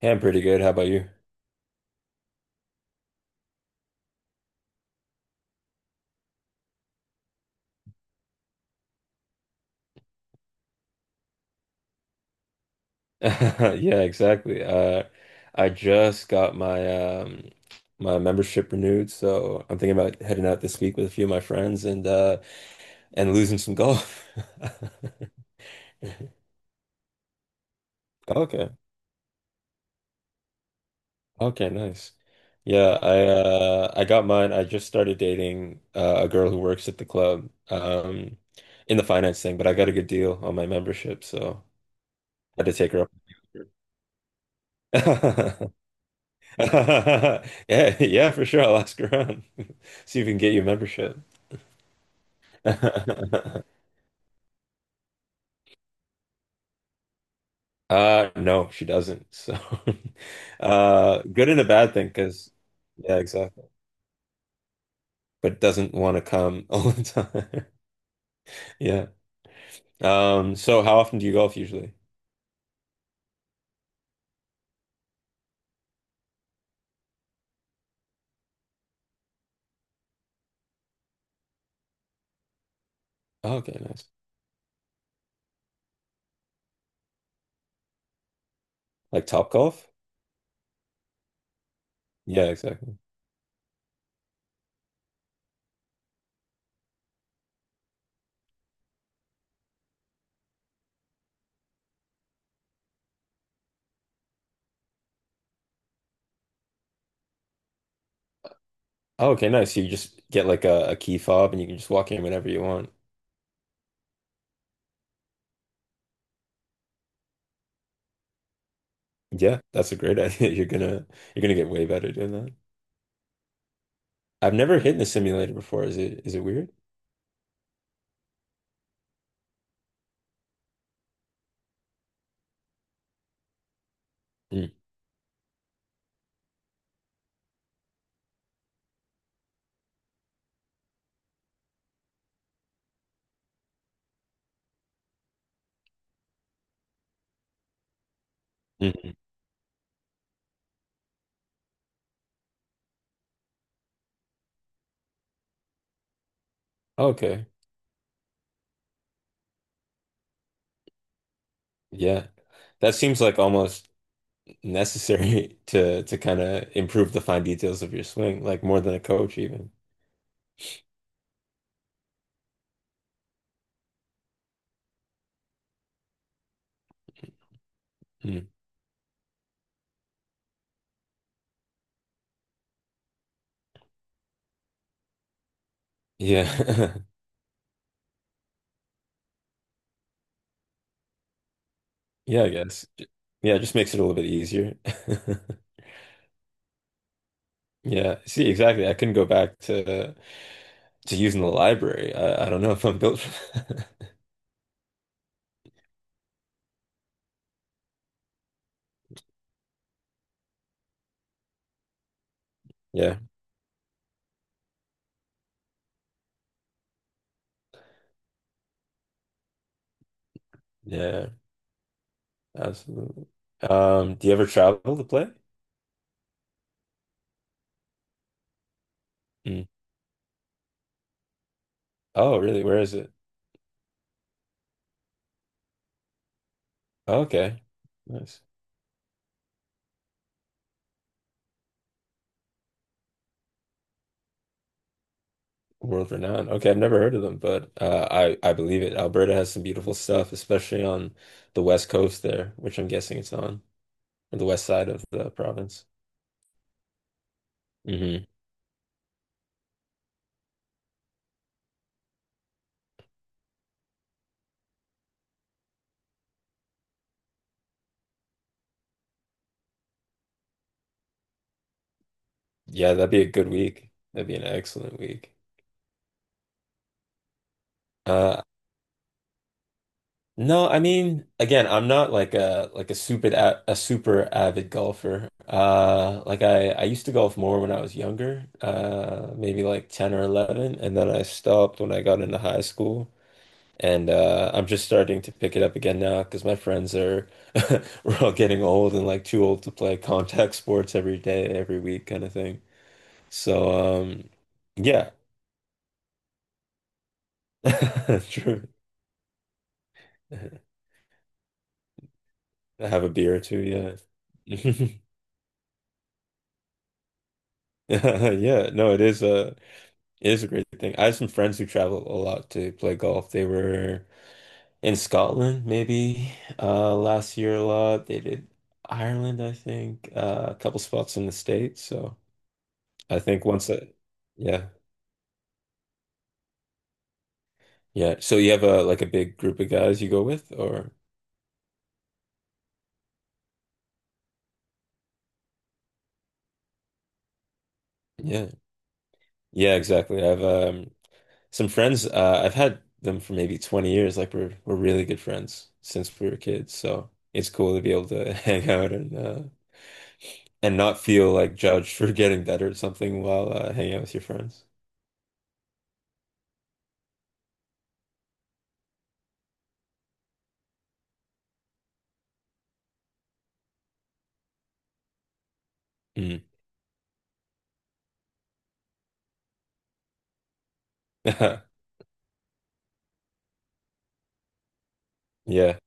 Yeah, I'm pretty good. How about you? Yeah, exactly. I just got my my membership renewed, so I'm thinking about heading out this week with a few of my friends and losing some golf. Okay. Okay, nice. Yeah, I got mine. I just started dating a girl who works at the club in the finance thing, but I got a good deal on my membership, so I had to take her up. Yeah, yeah, for sure. I'll ask around. See if we can get you a membership. No, she doesn't. So, good and a bad thing, because yeah, exactly. But doesn't want to come all the time. Yeah. So how often do you golf usually? Oh, okay, nice. Like top golf? Yeah, exactly. Oh, okay, nice. So you just get like a key fob and you can just walk in whenever you want. Yeah, that's a great idea. You're gonna get way better doing that. I've never hit in the simulator before. Is it weird? Mm, mm. Okay. Yeah. That seems like almost necessary to kind of improve the fine details of your swing, like more than a coach even. Mm. Yeah. Yeah, I guess. Yeah, it just makes it a little bit easier. Yeah. See, exactly. I couldn't go back to using the library. I don't know if I'm built for that. Yeah. Yeah. Absolutely. Do you ever travel to play? Mm. Oh, really? Where is it? Oh, okay. Nice. World renowned. Okay, I've never heard of them, but I believe it. Alberta has some beautiful stuff, especially on the west coast there, which I'm guessing it's on, or the west side of the province. Hmm. Yeah, that'd be a good week. That'd be an excellent week. Uh, no, I mean, again, I'm not like a super a super avid golfer. Like I used to golf more when I was younger, maybe like 10 or 11, and then I stopped when I got into high school. And I'm just starting to pick it up again now because my friends are we're all getting old and like too old to play contact sports every day, every week kind of thing. So yeah. True. Have a beer or two, yeah. Yeah, no, it is a great thing. I have some friends who travel a lot to play golf. They were in Scotland maybe last year a lot. They did Ireland, I think, a couple spots in the States, so I think once I, yeah, yeah. So you have a like a big group of guys you go with, or yeah, yeah, exactly. I've some friends. I've had them for maybe 20 years. Like we're really good friends since we were kids. So it's cool to be able to hang out and not feel like judged for getting better at something while hanging out with your friends. Mm. Yeah,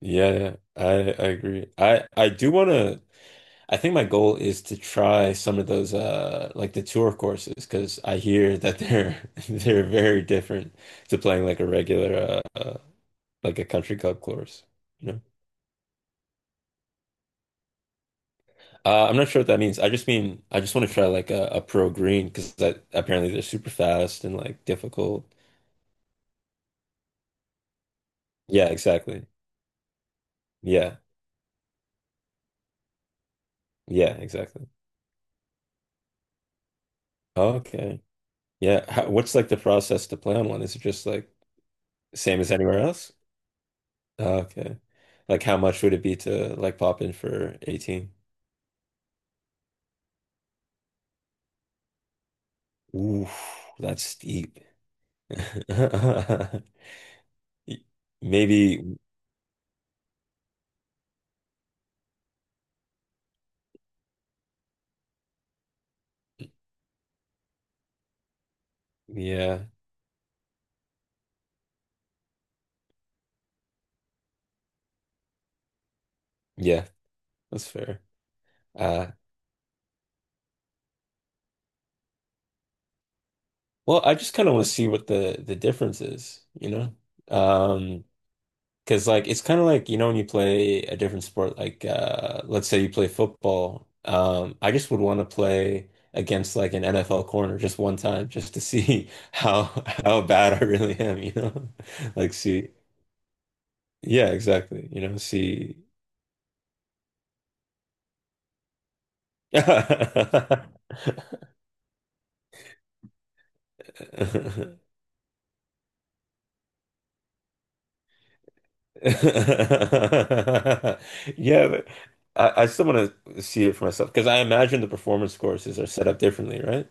yeah, yeah. I agree. I do want to. I think my goal is to try some of those like the tour courses because I hear that they're they're very different to playing like a regular uh like a country club course, you know. I'm not sure what that means. I just want to try like a pro green because that apparently they're super fast and like difficult. Yeah, exactly. Yeah. Yeah, exactly. Okay. Yeah. What's like the process to play on one? Is it just like same as anywhere else? Oh, okay. Like how much would it be to like pop in for 18? Ooh, that's steep. Y- Maybe, yeah, yeah, that's fair. Uh, well, I just kind of want to see what the difference is, you know? Um, Because like it's kind of like, you know, when you play a different sport, like uh, let's say you play football, um, I just would want to play against like an NFL corner just one time just to see how bad I really am, you know? Like see, yeah, exactly, you know, see. Yeah, but I still want to see it for myself because I imagine the performance courses are set up differently, right?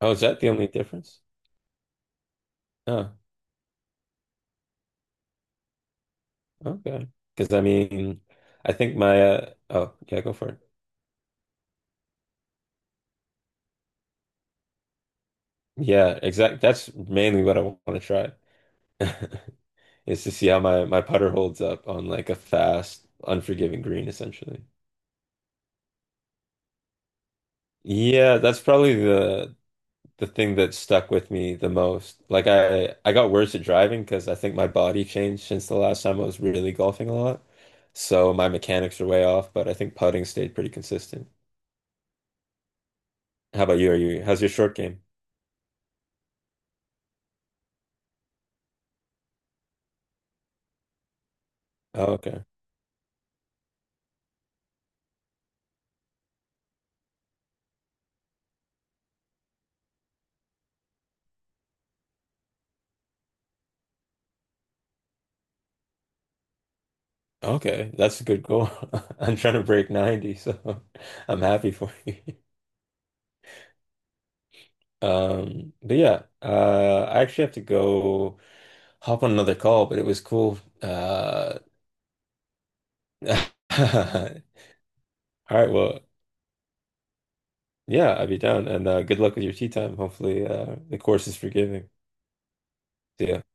Oh, is that the only difference? Oh. Okay. Because I mean, I think my oh yeah, go for it. Yeah, exact. That's mainly what I want to try is to see how my putter holds up on like a fast, unforgiving green, essentially. Yeah, that's probably the thing that stuck with me the most. Like I got worse at driving because I think my body changed since the last time I was really golfing a lot. So my mechanics are way off, but I think putting stayed pretty consistent. How about you? Are you how's your short game? Oh, okay. Okay, that's a good goal. I'm trying to break 90, so I'm happy for you. But yeah, I actually have to go hop on another call, but it was cool. All right, well, yeah, I'll be down and good luck with your tea time. Hopefully, the course is forgiving. See ya.